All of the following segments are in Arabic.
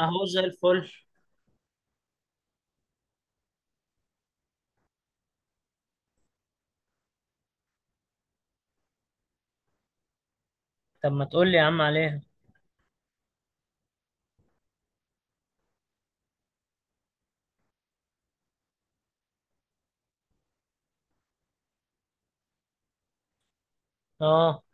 اهو زي الفل. طب ما تقول لي يا عم عليها. اه.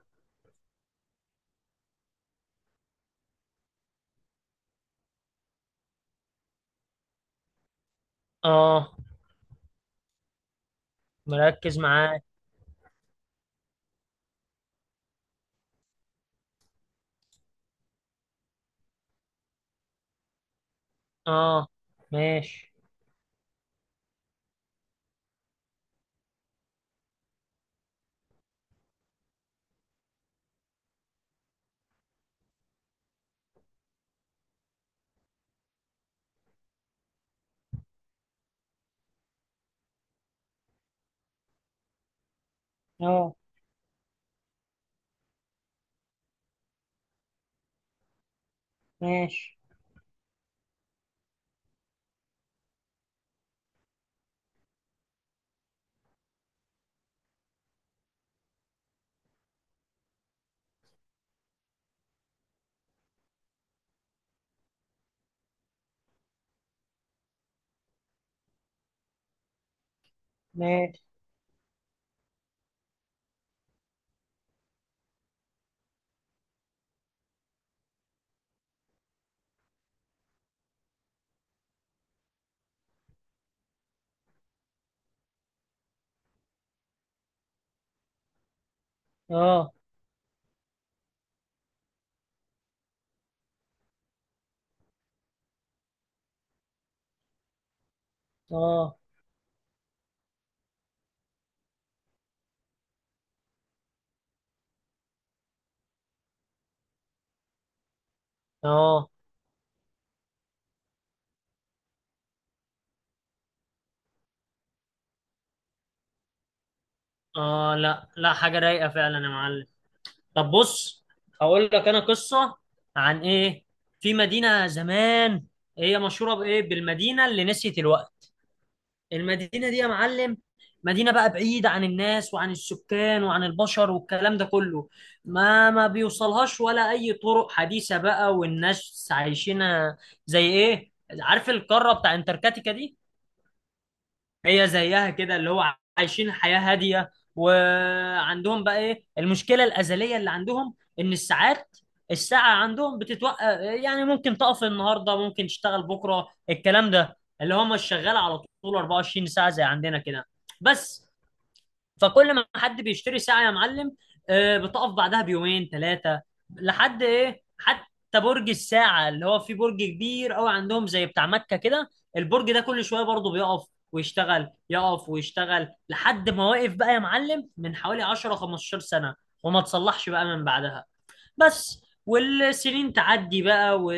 اه. مركز معاك. اه، ماشي. اه، ماشي. ماشي. اه. اه. اه. اه. لا، لا، حاجة رايقة فعلا يا معلم. طب بص، هقول لك انا قصة عن ايه. في مدينة زمان، هي مشهورة بايه؟ بالمدينة اللي نسيت الوقت. المدينة دي يا معلم، مدينة بقى بعيدة عن الناس وعن السكان وعن البشر والكلام ده كله. ما بيوصلهاش ولا أي طرق حديثة بقى، والناس عايشينها زي إيه؟ عارف القارة بتاع انتركتيكا دي؟ هي زيها كده، اللي هو عايشين حياة هادية، وعندهم بقى ايه المشكلة الأزلية اللي عندهم؟ إن الساعة عندهم بتتوقف. يعني ممكن تقف النهاردة، ممكن تشتغل بكرة. الكلام ده اللي هم الشغال على طول 24 ساعة زي عندنا كده، بس. فكل ما حد بيشتري ساعة يا معلم، بتقف بعدها بيومين ثلاثة. لحد ايه؟ حتى برج الساعة، اللي هو فيه برج كبير قوي عندهم زي بتاع مكة كده، البرج ده كل شوية برضه بيقف ويشتغل، يقف ويشتغل، لحد ما واقف بقى يا معلم من حوالي 10 15 سنة، وما تصلحش بقى من بعدها، بس. والسنين تعدي بقى و...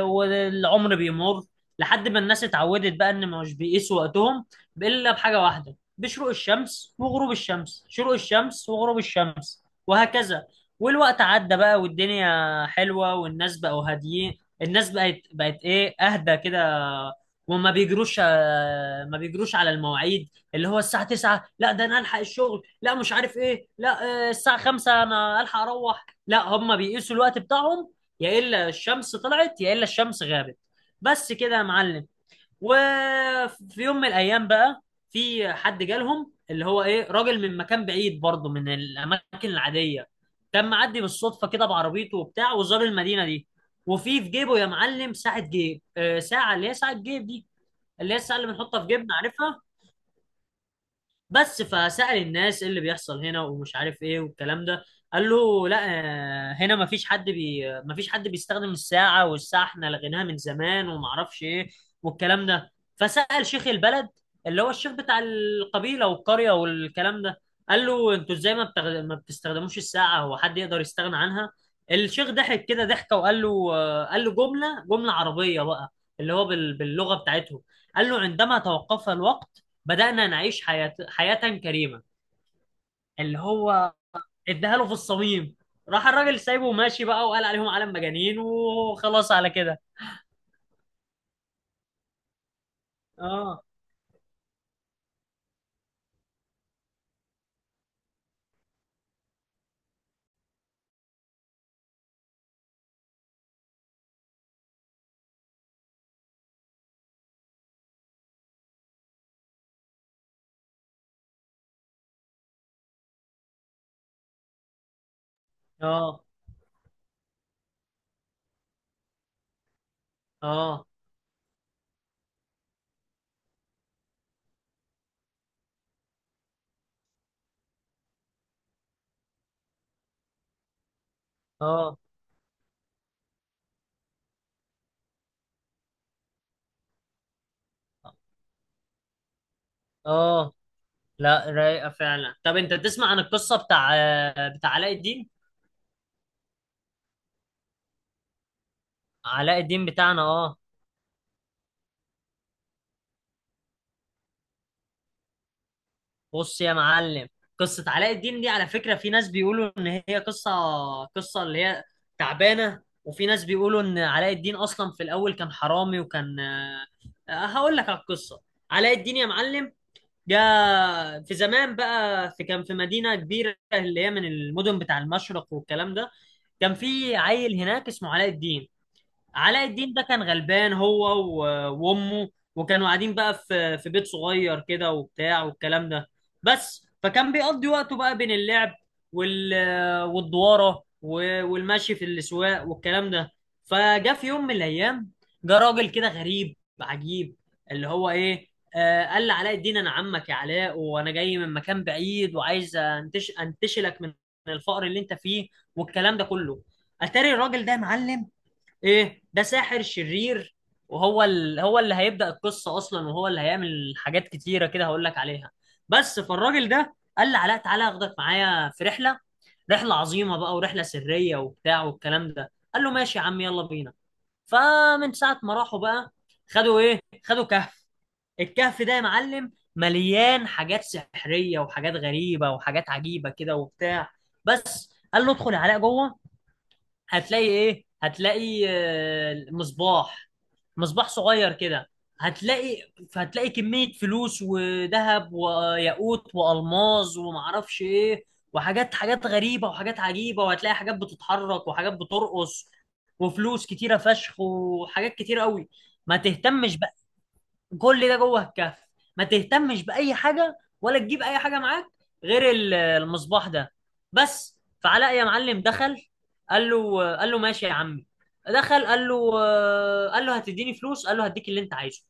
والعمر بيمر. لحد ما الناس اتعودت بقى ان مش بيقيسوا وقتهم الا بحاجه واحده، بشروق الشمس وغروب الشمس، شروق الشمس وغروب الشمس، وهكذا. والوقت عدى بقى، والدنيا حلوه، والناس بقوا هاديين. الناس بقت ايه؟ اهدى كده. وما بيجروش آه، ما بيجروش على المواعيد. اللي هو الساعه 9 لا، ده انا الحق الشغل، لا مش عارف ايه، لا الساعه 5 انا الحق اروح، لا. هم بيقيسوا الوقت بتاعهم يا الا الشمس طلعت، يا الا الشمس غابت، بس كده يا معلم. وفي يوم من الايام بقى، في حد جالهم اللي هو ايه؟ راجل من مكان بعيد برضه، من الاماكن العاديه. كان معدي بالصدفه كده بعربيته وبتاع، وزار المدينه دي. وفي في جيبه يا معلم ساعه جيب، ساعه، اللي هي ساعه جيب دي، اللي هي الساعه اللي بنحطها في جيبنا، عارفها؟ بس. فسأل الناس، ايه اللي بيحصل هنا ومش عارف ايه والكلام ده؟ قال له لا، هنا مفيش حد بيستخدم الساعة، والساعة احنا لغيناها من زمان، ومعرفش ايه والكلام ده. فسأل شيخ البلد، اللي هو الشيخ بتاع القبيلة والقرية والكلام ده، قال له: انتوا ازاي ما بتستخدموش الساعة؟ هو حد يقدر يستغنى عنها؟ الشيخ ضحك كده ضحكة وقال له، قال له جملة عربية بقى، اللي هو باللغة بتاعتهم، قال له: عندما توقف الوقت، بدأنا نعيش حياة كريمة. اللي هو اداها له في الصميم. راح الراجل سايبه وماشي بقى، وقال عليهم عالم مجانين، وخلاص على كده. اه. اه. اه. اه. اه، لا، رايقة فعلا. طب انت تسمع عن القصة بتاع علاء الدين؟ علاء الدين بتاعنا، اه. بص يا معلم، قصة علاء الدين دي على فكرة في ناس بيقولوا إن هي قصة، قصة اللي هي تعبانة، وفي ناس بيقولوا إن علاء الدين أصلا في الأول كان حرامي، وكان آه، آه، هقول لك على القصة. علاء الدين يا معلم، جاء في زمان بقى، كان في مدينة كبيرة اللي هي من المدن بتاع المشرق والكلام ده. كان في عيل هناك اسمه علاء الدين. علاء الدين ده كان غلبان هو وامه، وكانوا قاعدين بقى في بيت صغير كده وبتاع والكلام ده، بس. فكان بيقضي وقته بقى بين اللعب، وال والدواره، والمشي في الاسواق والكلام ده. فجاء في يوم من الايام، جه راجل كده غريب عجيب، اللي هو ايه، آه، قال لعلاء الدين: انا عمك يا علاء، وانا جاي من مكان بعيد، وعايز انتشلك من الفقر اللي انت فيه والكلام ده كله. اتاري الراجل ده يا معلم ايه؟ ده ساحر شرير، وهو هو اللي هيبدأ القصة اصلا، وهو اللي هيعمل حاجات كتيرة كده، هقول لك عليها. بس. فالراجل ده قال لي علاء: تعالى اخدك معايا في رحلة، رحلة عظيمة بقى، ورحلة سرية وبتاع والكلام ده. قال له: ماشي يا عم، يلا بينا. فمن ساعة ما راحوا بقى، خدوا ايه، خدوا كهف. الكهف ده يا معلم مليان حاجات سحرية، وحاجات غريبة، وحاجات عجيبة كده وبتاع، بس. قال له: ادخل يا علاء جوه، هتلاقي ايه، هتلاقي مصباح، مصباح صغير كده. هتلاقي، هتلاقي كمية فلوس وذهب وياقوت والماظ ومعرفش ايه، وحاجات، حاجات غريبة وحاجات عجيبة، وهتلاقي حاجات بتتحرك، وحاجات بترقص، وفلوس كتيرة فشخ، وحاجات كتيرة قوي. ما تهتمش، كل ده جوه الكهف، ما تهتمش بأي حاجة، ولا تجيب أي حاجة معاك غير المصباح ده، بس. فعلاء يا معلم دخل، قال له: ماشي يا عمي. دخل، قال له، قال له: هتديني فلوس؟ قال له: هديك اللي انت عايزه،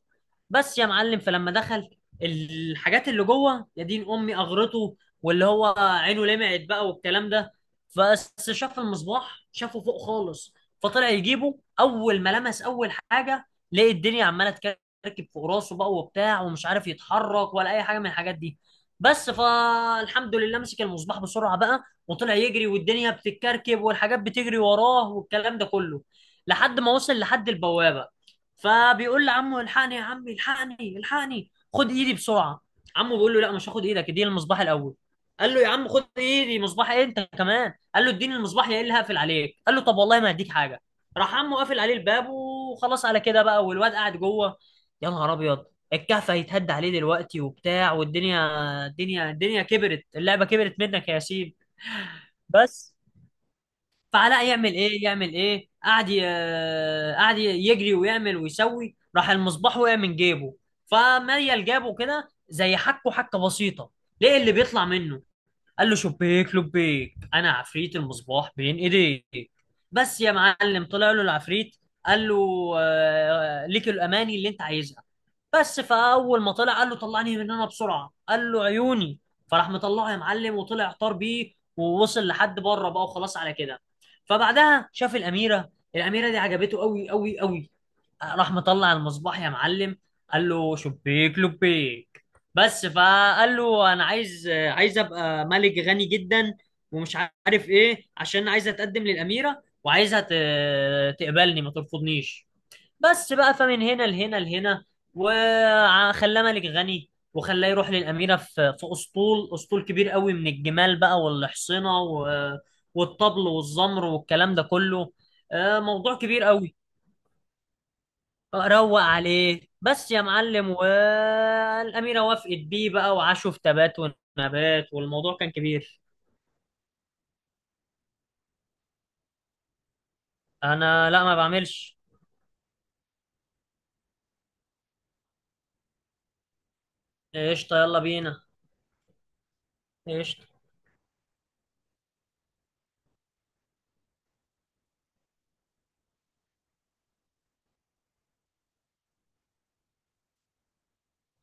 بس. يا معلم، فلما دخل، الحاجات اللي جوه، يا دين امي، اغرته، واللي هو عينه لمعت بقى والكلام ده. بس شاف المصباح، شافه فوق خالص. فطلع يجيبه، اول ما لمس اول حاجه، لقى الدنيا عماله تكلم، مركب فوق راسه بقى وبتاع، ومش عارف يتحرك ولا اي حاجه من الحاجات دي، بس. فالحمد لله مسك المصباح بسرعه بقى، وطلع يجري، والدنيا بتتكركب، والحاجات بتجري وراه والكلام ده كله، لحد ما وصل لحد البوابه. فبيقول لعمه: الحقني يا عمي، الحقني، الحقني، خد ايدي بسرعه. عمه بيقول له: لا، مش هاخد ايدك، اديني المصباح الاول. قال له: يا عم خد ايدي، مصباح ايه انت كمان؟ قال له: اديني المصباح يا اللي هقفل عليك. قال له: طب والله ما هديك حاجه. راح عمه قافل عليه الباب، وخلاص على كده بقى، والواد قاعد جوه. يا نهار ابيض، الكهف هيتهد عليه دلوقتي وبتاع والدنيا، الدنيا، الدنيا كبرت، اللعبه كبرت منك يا ياسين، بس. فعلاء يعمل ايه، يعمل ايه؟ قعد يجري ويعمل ويسوي. راح المصباح وقع من جيبه، فميل جابه كده زي حكه بسيطه، ليه اللي بيطلع منه؟ قال له: شبيك لبيك، انا عفريت المصباح بين ايديك. بس يا معلم، طلع له العفريت، قال له، ليك الاماني اللي انت عايزها. بس فاول ما طلع، قال له: طلعني من هنا بسرعه. قال له: عيوني. فراح مطلعه يا معلم، وطلع طار بيه، ووصل لحد بره بقى، وخلاص على كده. فبعدها شاف الاميره. الاميره دي عجبته قوي قوي قوي. راح مطلع المصباح يا معلم، قال له: شبيك لبيك، بس. فقال له: انا عايز، ابقى ملك غني جدا، ومش عارف ايه، عشان عايز اتقدم للاميره، وعايزها تقبلني، ما ترفضنيش، بس بقى. فمن هنا لهنا، وخلاه ملك غني، وخلاه يروح للأميرة في أسطول، كبير قوي، من الجمال بقى والحصنة والطبل والزمر والكلام ده كله، موضوع كبير قوي. روق عليه، بس يا معلم، والأميرة وافقت بيه بقى، وعاشوا في تبات ونبات، والموضوع كان كبير. أنا لا، ما بعملش. قشطة، يلا بينا. قشطة.